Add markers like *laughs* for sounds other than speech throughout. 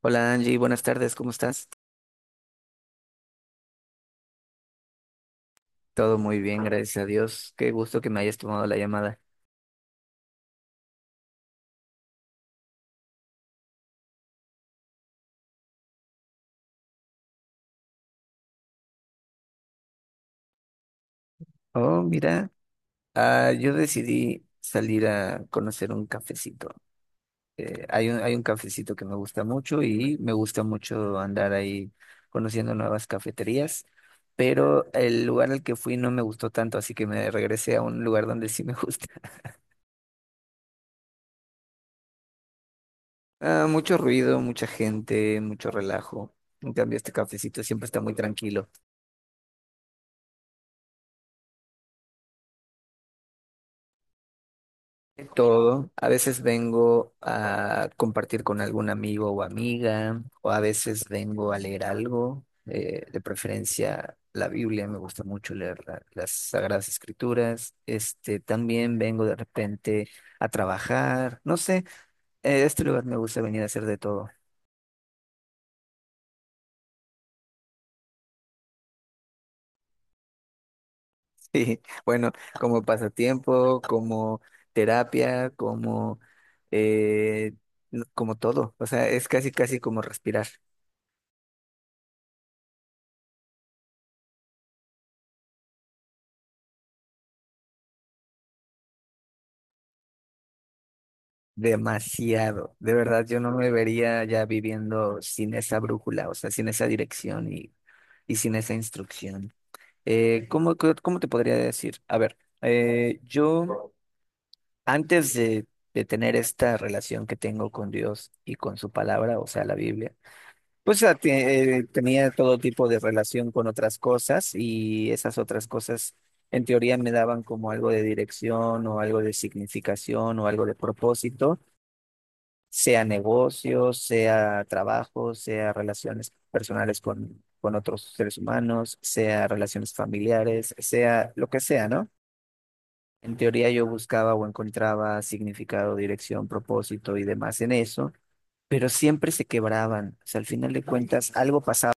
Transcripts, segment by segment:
Hola Angie, buenas tardes, ¿cómo estás? Todo muy bien, gracias a Dios. Qué gusto que me hayas tomado la llamada. Oh, mira, yo decidí salir a conocer un cafecito. Hay un cafecito que me gusta mucho y me gusta mucho andar ahí conociendo nuevas cafeterías, pero el lugar al que fui no me gustó tanto, así que me regresé a un lugar donde sí me gusta. *laughs* Ah, mucho ruido, mucha gente, mucho relajo. En cambio, este cafecito siempre está muy tranquilo. Todo. A veces vengo a compartir con algún amigo o amiga, o a veces vengo a leer algo, de preferencia la Biblia, me gusta mucho leer las Sagradas Escrituras. Este, también vengo de repente a trabajar, no sé, este lugar me gusta venir a hacer de todo. *laughs* Sí, bueno, como pasatiempo, como terapia, como, eh, como todo, o sea, es casi, casi como respirar. Demasiado. De verdad, yo no me vería ya viviendo sin esa brújula, o sea, sin esa dirección y sin esa instrucción. ¿Cómo, cómo te podría decir? A ver, yo antes de tener esta relación que tengo con Dios y con su palabra, o sea, la Biblia, pues tenía todo tipo de relación con otras cosas y esas otras cosas en teoría me daban como algo de dirección o algo de significación o algo de propósito, sea negocios, sea trabajo, sea relaciones personales con otros seres humanos, sea relaciones familiares, sea lo que sea, ¿no? En teoría yo buscaba o encontraba significado, dirección, propósito y demás en eso, pero siempre se quebraban. O sea, al final de cuentas algo pasaba.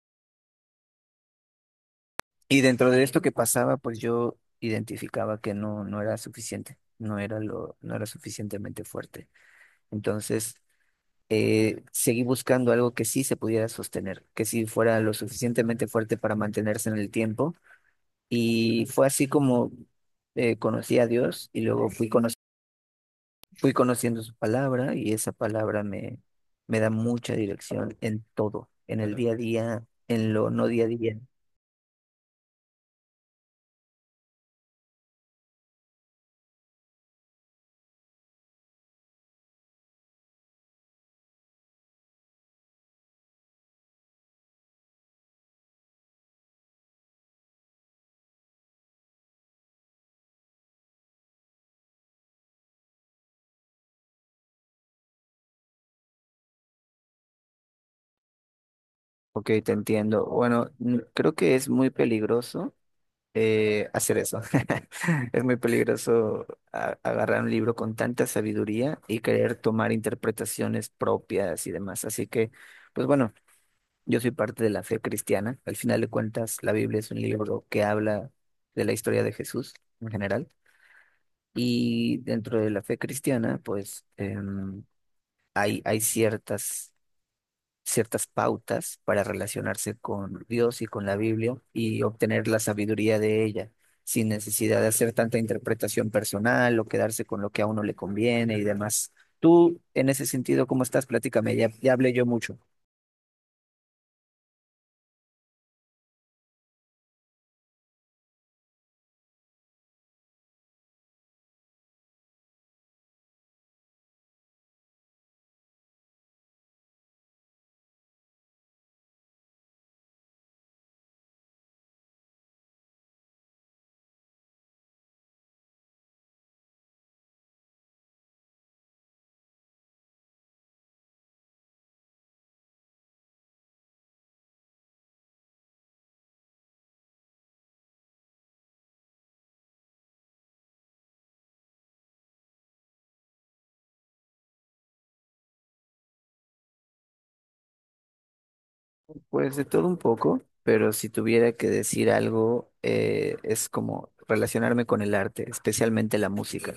Y dentro de esto que pasaba, pues yo identificaba que no, no era suficiente, no era lo, no era suficientemente fuerte. Entonces, seguí buscando algo que sí se pudiera sostener, que sí fuera lo suficientemente fuerte para mantenerse en el tiempo. Y fue así como conocí a Dios y luego fui, fui conociendo su palabra y esa palabra me, me da mucha dirección en todo, en el día a día, en lo no día a día. Ok, te entiendo. Bueno, creo que es muy peligroso hacer eso. *laughs* Es muy peligroso agarrar un libro con tanta sabiduría y querer tomar interpretaciones propias y demás. Así que, pues bueno, yo soy parte de la fe cristiana. Al final de cuentas, la Biblia es un libro que habla de la historia de Jesús en general. Y dentro de la fe cristiana, pues hay ciertas ciertas pautas para relacionarse con Dios y con la Biblia y obtener la sabiduría de ella, sin necesidad de hacer tanta interpretación personal o quedarse con lo que a uno le conviene y demás. Tú, en ese sentido, ¿cómo estás? Platícame, ya hablé yo mucho. Pues de todo un poco, pero si tuviera que decir algo, es como relacionarme con el arte, especialmente la música.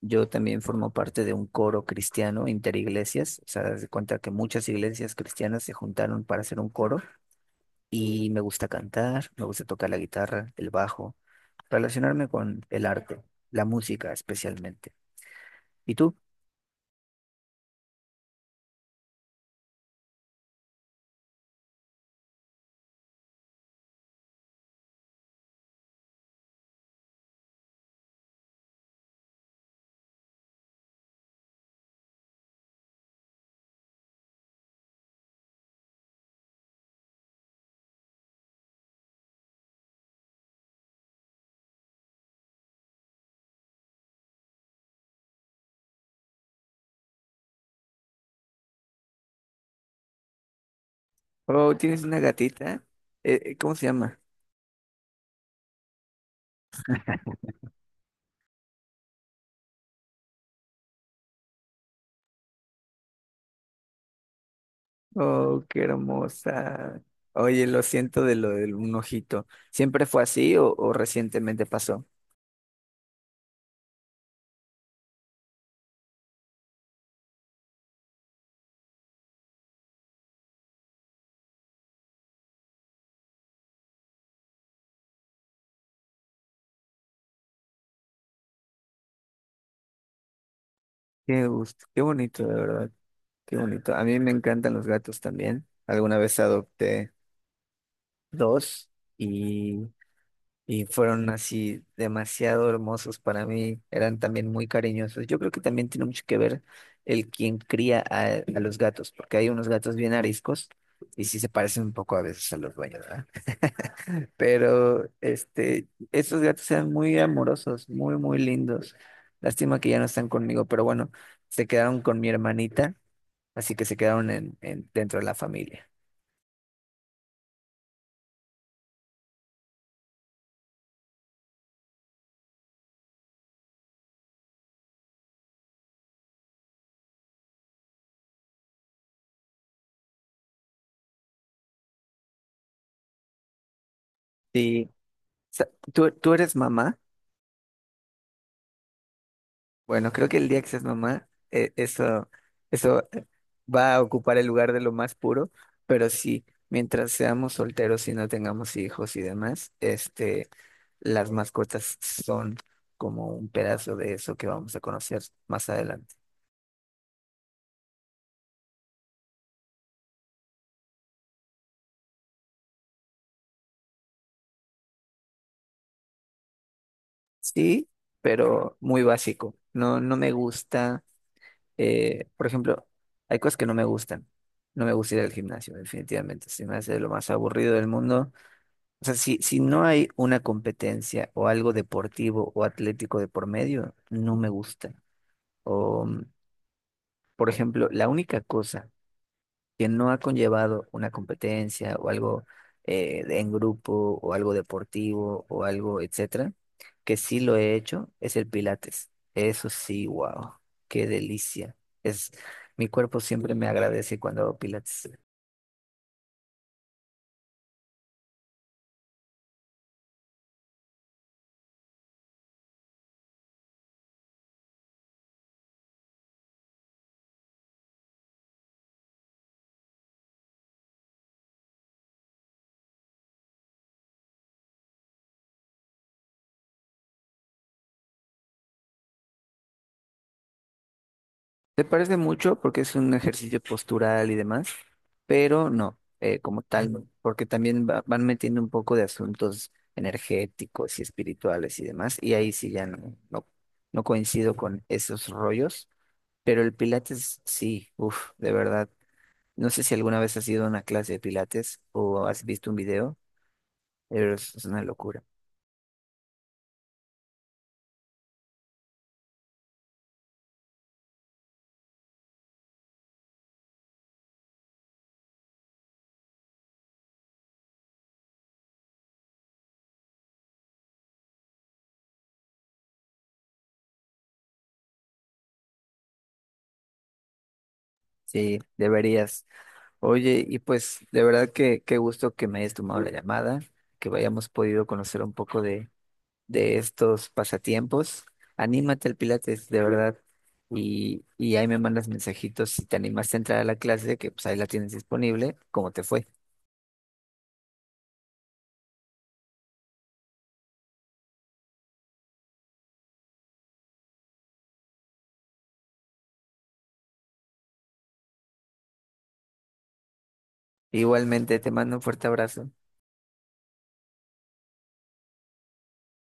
Yo también formo parte de un coro cristiano interiglesias, o sea, das de cuenta que muchas iglesias cristianas se juntaron para hacer un coro. Y me gusta cantar, me gusta tocar la guitarra, el bajo, relacionarme con el arte, la música especialmente. ¿Y tú? Oh, ¿tienes una gatita? ¿Cómo se llama? Oh, qué hermosa. Oye, lo siento de lo del un ojito. ¿Siempre fue así o recientemente pasó? Qué gusto, qué bonito, de verdad, qué bonito. A mí me encantan los gatos también. Alguna vez adopté dos. Y y fueron así demasiado hermosos para mí, eran también muy cariñosos. Yo creo que también tiene mucho que ver el quien cría a los gatos, porque hay unos gatos bien ariscos y sí se parecen un poco a veces a los dueños, ¿verdad? Pero este, estos gatos eran muy amorosos, muy, muy lindos. Lástima que ya no están conmigo, pero bueno, se quedaron con mi hermanita, así que se quedaron en, dentro de la familia. Sí. ¿Tú, tú eres mamá? Bueno, creo que el día que seas mamá, eso, eso va a ocupar el lugar de lo más puro, pero sí, mientras seamos solteros y no tengamos hijos y demás, este, las mascotas son como un pedazo de eso que vamos a conocer más adelante. Sí, pero muy básico. No, no me gusta, por ejemplo, hay cosas que no me gustan. No me gusta ir al gimnasio, definitivamente. Se me hace lo más aburrido del mundo. O sea, si, si no hay una competencia o algo deportivo o atlético de por medio, no me gusta. O, por ejemplo, la única cosa que no ha conllevado una competencia o algo en grupo o algo deportivo o algo, etcétera, que sí lo he hecho, es el Pilates. Eso sí, wow, qué delicia. Es, mi cuerpo siempre me agradece cuando hago Pilates. Se parece mucho porque es un ejercicio postural y demás, pero no, como tal, no, porque también van metiendo un poco de asuntos energéticos y espirituales y demás, y ahí sí ya no, no, no coincido con esos rollos, pero el Pilates sí, uff, de verdad. No sé si alguna vez has ido a una clase de Pilates o has visto un video, pero es una locura. Sí, deberías. Oye, y pues de verdad que qué gusto que me hayas tomado la llamada, que hayamos podido conocer un poco de estos pasatiempos, anímate al Pilates, de verdad. Y ahí me mandas mensajitos si te animaste a entrar a la clase, que pues ahí la tienes disponible, cómo te fue. Igualmente te mando un fuerte abrazo.